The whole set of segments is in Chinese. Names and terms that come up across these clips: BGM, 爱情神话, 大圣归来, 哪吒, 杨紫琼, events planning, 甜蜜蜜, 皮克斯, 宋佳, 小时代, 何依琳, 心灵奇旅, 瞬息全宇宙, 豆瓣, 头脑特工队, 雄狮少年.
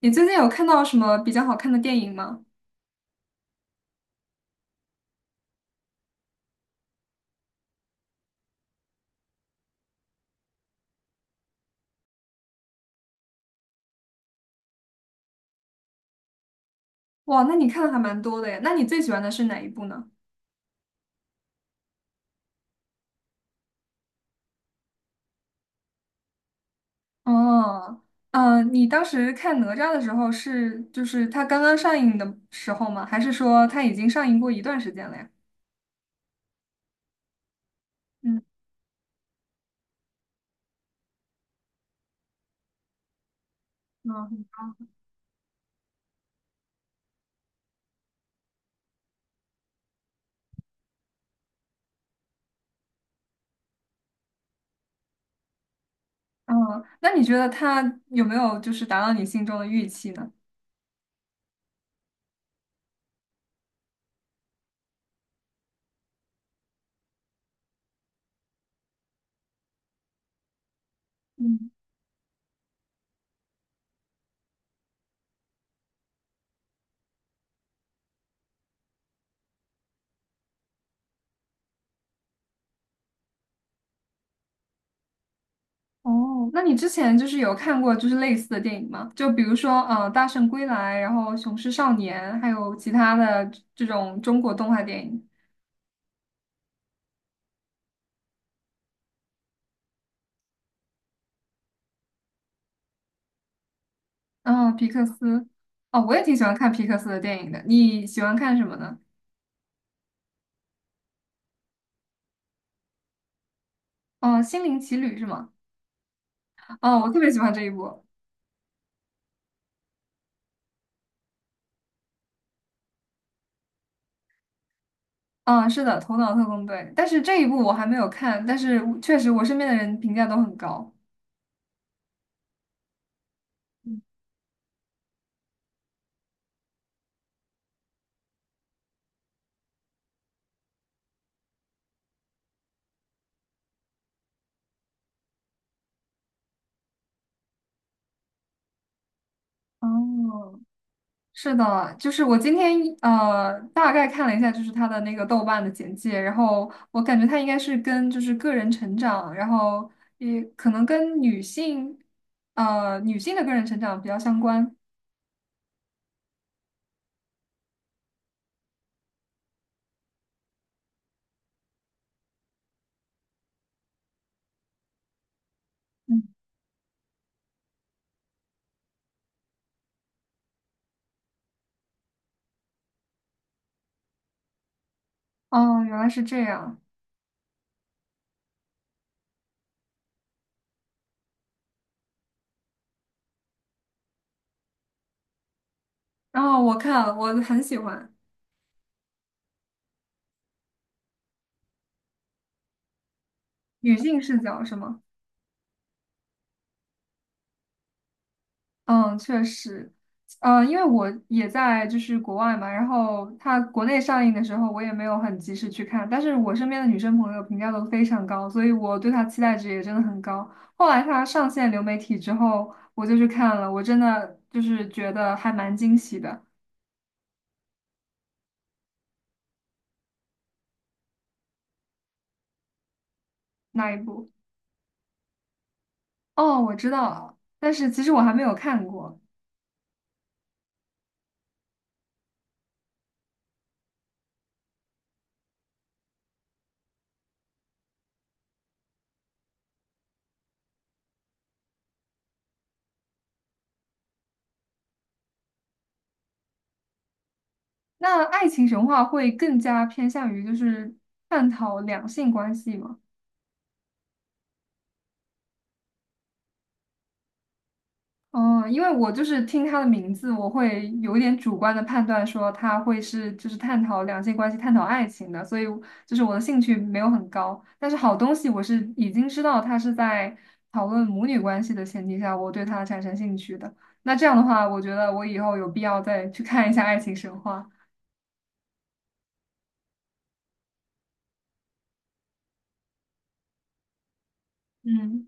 你最近有看到什么比较好看的电影吗？哇，那你看的还蛮多的呀。那你最喜欢的是哪一部呢？哦，嗯，你当时看哪吒的时候是它刚刚上映的时候吗？还是说它已经上映过一段时间了呀？嗯。嗯。嗯，那你觉得它有没有达到你心中的预期呢？嗯。哦，那你之前有看过类似的电影吗？就比如说，《大圣归来》，然后《雄狮少年》，还有其他的这种中国动画电影。哦，皮克斯。哦，我也挺喜欢看皮克斯的电影的。你喜欢看什么呢？哦，《心灵奇旅》是吗？哦，我特别喜欢这一部。啊，是的，《头脑特工队》，但是这一部我还没有看，但是我确实我身边的人评价都很高。哦，是的，就是我今天大概看了一下，就是他的那个豆瓣的简介，然后我感觉他应该是跟个人成长，然后也可能跟女性女性的个人成长比较相关。嗯。哦，原来是这样。然后我看了我很喜欢。女性视角，是吗？嗯，确实。因为我也在国外嘛，然后它国内上映的时候，我也没有很及时去看，但是我身边的女生朋友评价都非常高，所以我对它期待值也真的很高。后来它上线流媒体之后，我就去看了，我真的觉得还蛮惊喜的那一部。哦，我知道了，但是其实我还没有看过。那爱情神话会更加偏向于探讨两性关系吗？哦，因为我听它的名字，我会有一点主观的判断说它会是探讨两性关系、探讨爱情的，所以我的兴趣没有很高。但是好东西我是已经知道它是在讨论母女关系的前提下，我对它产生兴趣的。那这样的话，我觉得我以后有必要再去看一下《爱情神话》。嗯。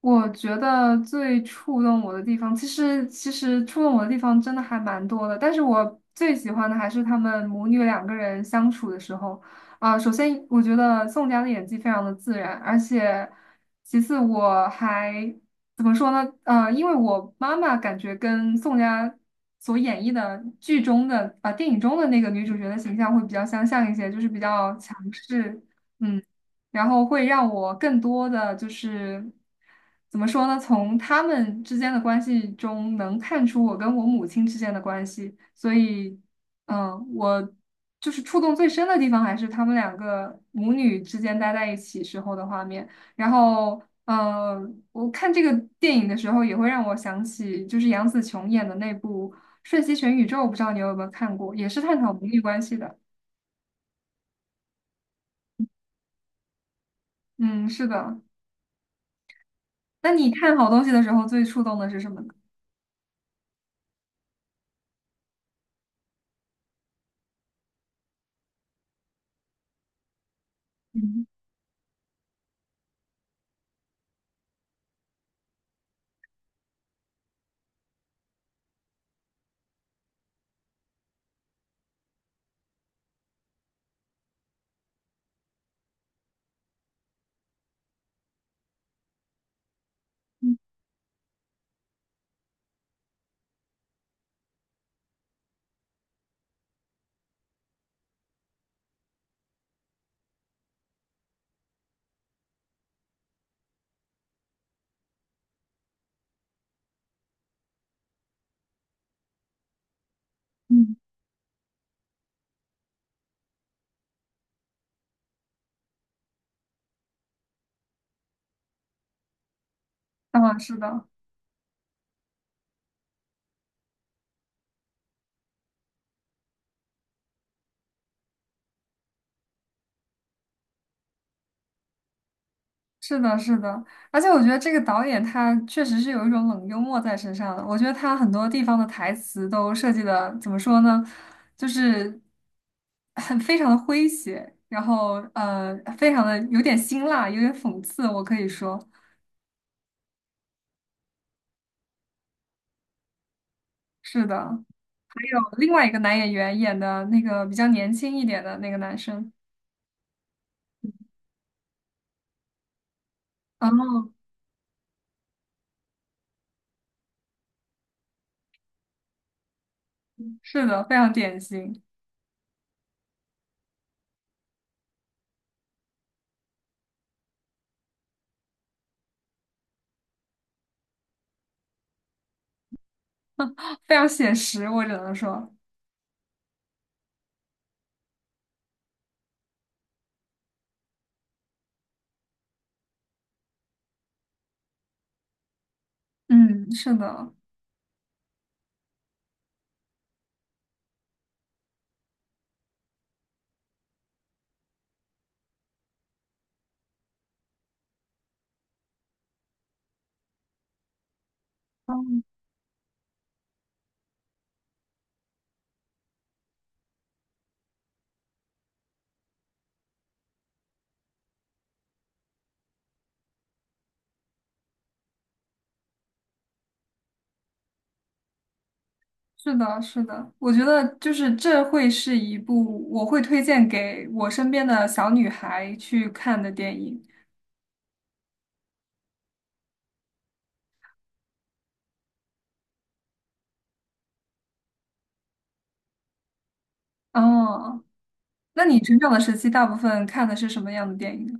我觉得最触动我的地方，其实触动我的地方真的还蛮多的，但是我最喜欢的还是他们母女两个人相处的时候。啊、首先我觉得宋佳的演技非常的自然，而且其次我还怎么说呢？因为我妈妈感觉跟宋佳所演绎的剧中的啊、电影中的那个女主角的形象会比较相像一些，就是比较强势。嗯。然后会让我更多的怎么说呢？从他们之间的关系中能看出我跟我母亲之间的关系，所以，嗯，我触动最深的地方还是他们两个母女之间待在一起时候的画面。然后，我看这个电影的时候也会让我想起，就是杨紫琼演的那部《瞬息全宇宙》，不知道你有没有看过，也是探讨母女关系的。嗯，是的。那你看好东西的时候，最触动的是什么呢？嗯。嗯。啊，是的，是的，是的，而且我觉得这个导演他确实是有一种冷幽默在身上的。我觉得他很多地方的台词都设计的怎么说呢，就是很非常的诙谐，然后非常的有点辛辣，有点讽刺，我可以说是的。还有另外一个男演员演的那个比较年轻一点的那个男生，嗯，是的，非常典型，非常写实，我只能说，嗯，是的。嗯。是的，是的，我觉得这会是一部我会推荐给我身边的小女孩去看的电影。哦，那你成长的时期大部分看的是什么样的电影呢？《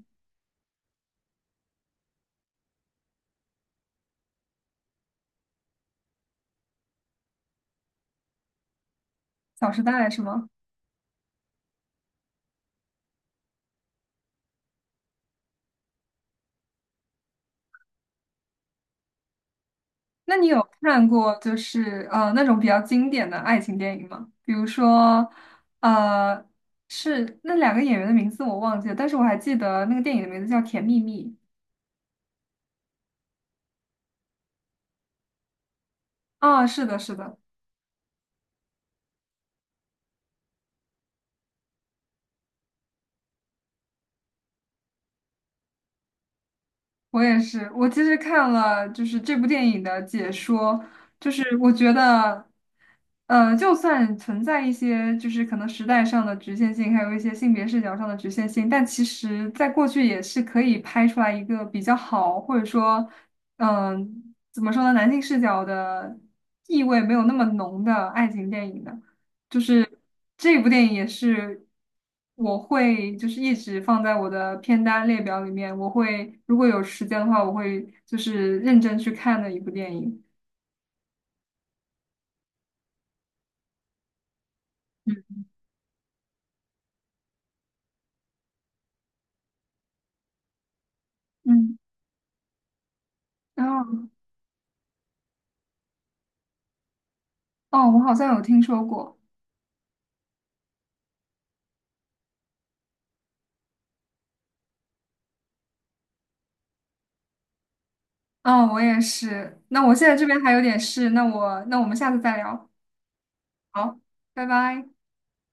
小时代》是吗？那你有看过那种比较经典的爱情电影吗？比如说，呃，是那两个演员的名字我忘记了，但是我还记得那个电影的名字叫《甜蜜蜜》。啊，是的，是的。我也是，我其实看了这部电影的解说，就是我觉得，就算存在一些可能时代上的局限性，还有一些性别视角上的局限性，但其实在过去也是可以拍出来一个比较好，或者说，嗯、怎么说呢，男性视角的意味没有那么浓的爱情电影的。就是这部电影也是我会一直放在我的片单列表里面，我会如果有时间的话，我会认真去看的一部电影。嗯。嗯，然后。哦，我好像有听说过。哦，我也是。那我现在这边还有点事，那我们下次再聊。好，拜拜。